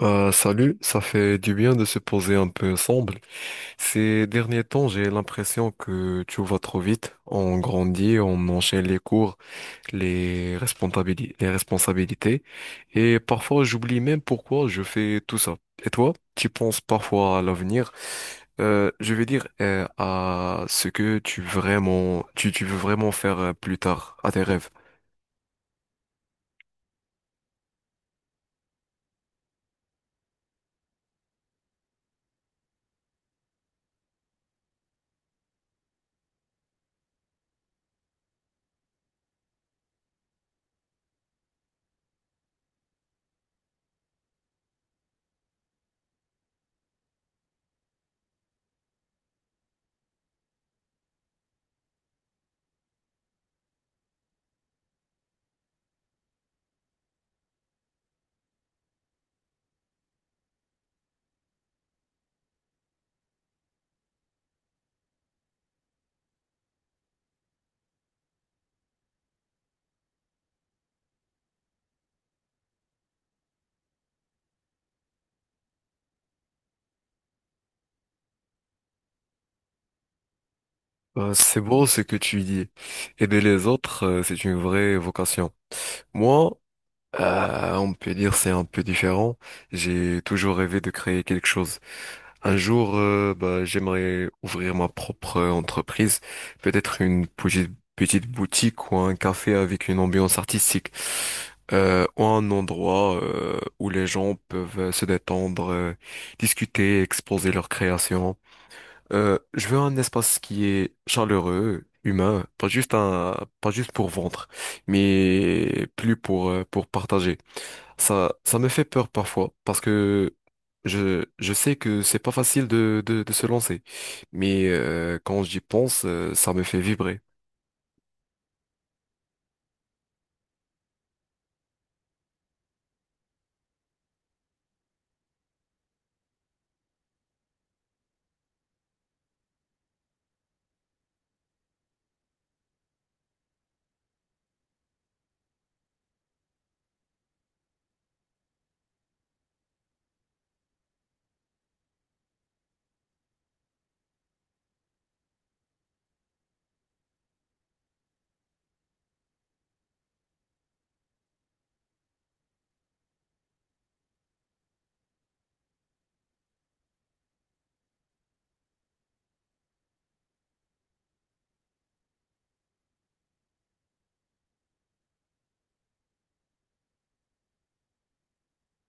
Salut, ça fait du bien de se poser un peu ensemble. Ces derniers temps, j'ai l'impression que tu vas trop vite. On grandit, on enchaîne les cours, les responsabilités, et parfois j'oublie même pourquoi je fais tout ça. Et toi, tu penses parfois à l'avenir, je vais dire à ce que tu vraiment, tu veux vraiment faire plus tard, à tes rêves. C'est beau ce que tu dis. Aider les autres, c'est une vraie vocation. Moi, on peut dire c'est un peu différent. J'ai toujours rêvé de créer quelque chose. Un jour, j'aimerais ouvrir ma propre entreprise, peut-être une petite boutique ou un café avec une ambiance artistique, ou un endroit où les gens peuvent se détendre, discuter, exposer leurs créations. Je veux un espace qui est chaleureux, humain, pas juste pour vendre, mais plus pour partager. Ça me fait peur parfois parce que je sais que c'est pas facile de se lancer. Mais quand j'y pense, ça me fait vibrer.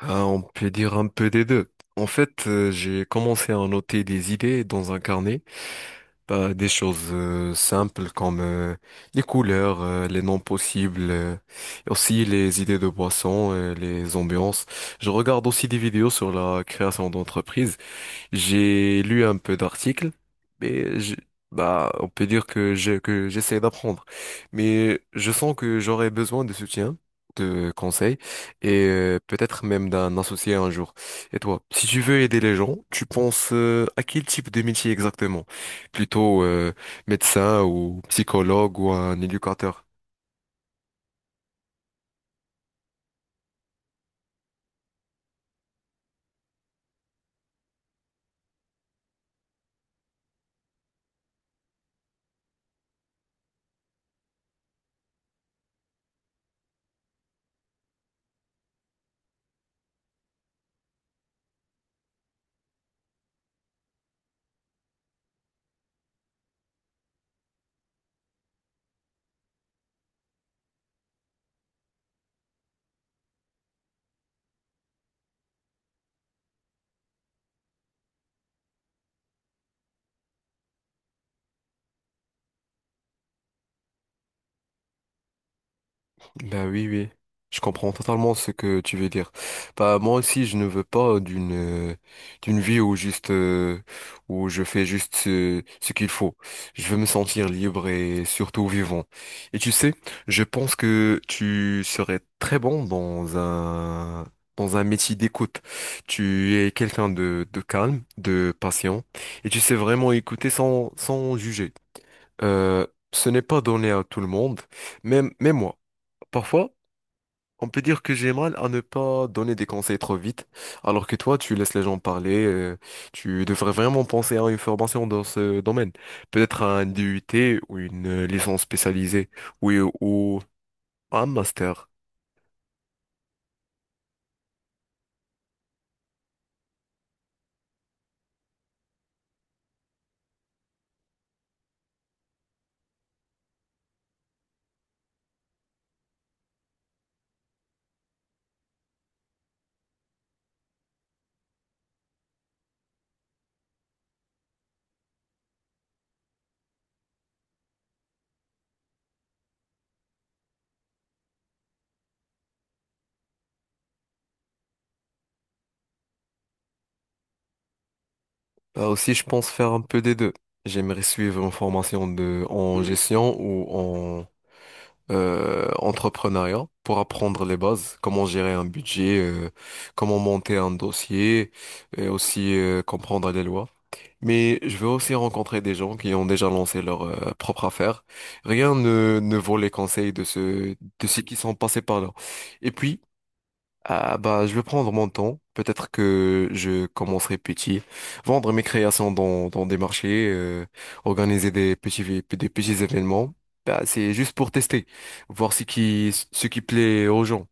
Ah, on peut dire un peu des deux. En fait, j'ai commencé à noter des idées dans un carnet, bah, des choses simples comme les couleurs, les noms possibles, et aussi les idées de boissons, les ambiances. Je regarde aussi des vidéos sur la création d'entreprises. J'ai lu un peu d'articles, mais on peut dire que que j'essaie d'apprendre. Mais je sens que j'aurais besoin de soutien, de conseils, et peut-être même d'un associé un jour. Et toi, si tu veux aider les gens, tu penses à quel type de métier exactement? Plutôt médecin ou psychologue ou un éducateur? Bah oui, oui. Je comprends totalement ce que tu veux dire. Bah moi aussi, je ne veux pas d'une vie où juste où je fais juste ce qu'il faut. Je veux me sentir libre et surtout vivant. Et tu sais, je pense que tu serais très bon dans un métier d'écoute. Tu es quelqu'un de calme, de patient et tu sais vraiment écouter sans juger. Euh, ce n'est pas donné à tout le monde, même moi. Parfois on peut dire que j'ai mal à ne pas donner des conseils trop vite, alors que toi, tu laisses les gens parler. Tu devrais vraiment penser à une formation dans ce domaine. Peut-être un DUT ou une licence spécialisée, oui, ou un master. Bah aussi, je pense faire un peu des deux. J'aimerais suivre une formation en gestion ou en entrepreneuriat pour apprendre les bases, comment gérer un budget, comment monter un dossier et aussi comprendre les lois. Mais je veux aussi rencontrer des gens qui ont déjà lancé leur propre affaire. Rien ne vaut les conseils de de ceux qui sont passés par là. Et puis, ah bah je vais prendre mon temps. Peut-être que je commencerai petit, vendre mes créations dans des marchés, organiser des petits événements. Bah c'est juste pour tester, voir ce qui plaît aux gens.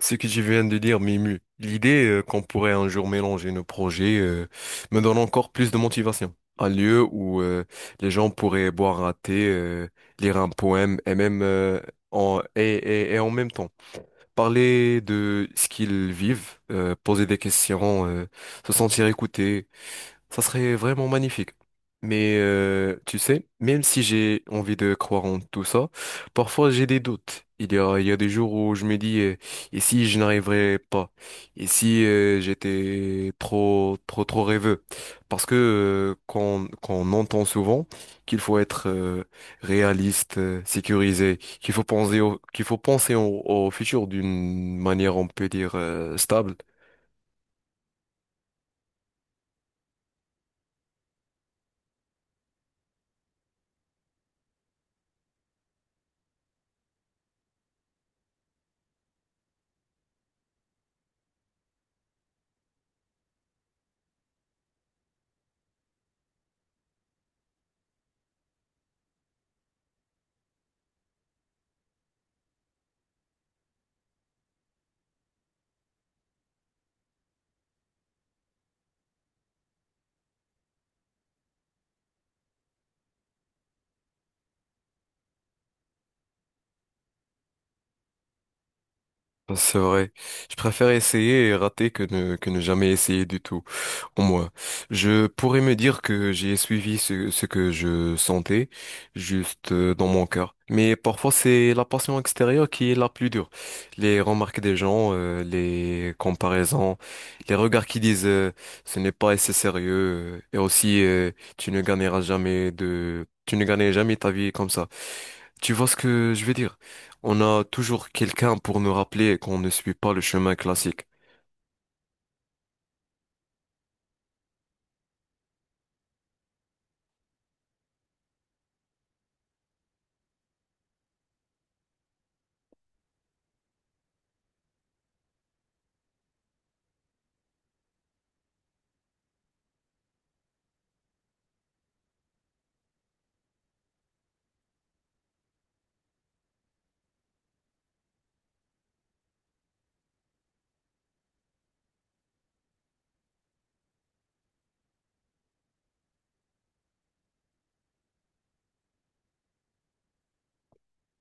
Ce que tu viens de dire m'émue. L'idée qu'on pourrait un jour mélanger nos projets me donne encore plus de motivation. Un lieu où les gens pourraient boire un thé, lire un poème et même en et en même temps. Parler de ce qu'ils vivent, poser des questions, se sentir écouté. Ça serait vraiment magnifique. Mais tu sais, même si j'ai envie de croire en tout ça, parfois j'ai des doutes. Il y a des jours où je me dis, et si je n'arriverais pas? Et si j'étais trop rêveux? Parce que qu'on entend souvent qu'il faut être réaliste, sécurisé, qu'il faut penser au, au futur d'une manière, on peut dire, stable. C'est vrai. Je préfère essayer et rater que ne jamais essayer du tout. En moi, je pourrais me dire que j'ai suivi ce que je sentais juste dans mon cœur. Mais parfois, c'est la passion extérieure qui est la plus dure. Les remarques des gens, les comparaisons, les regards qui disent ce n'est pas assez sérieux et aussi tu ne gagneras jamais de, tu ne gagneras jamais ta vie comme ça. Tu vois ce que je veux dire? On a toujours quelqu'un pour nous rappeler qu'on ne suit pas le chemin classique.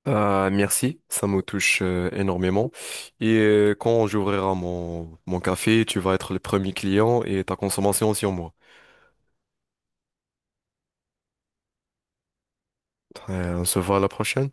Merci, ça me touche énormément. Et quand j'ouvrirai mon café, tu vas être le premier client et ta consommation sur moi. On se voit à la prochaine.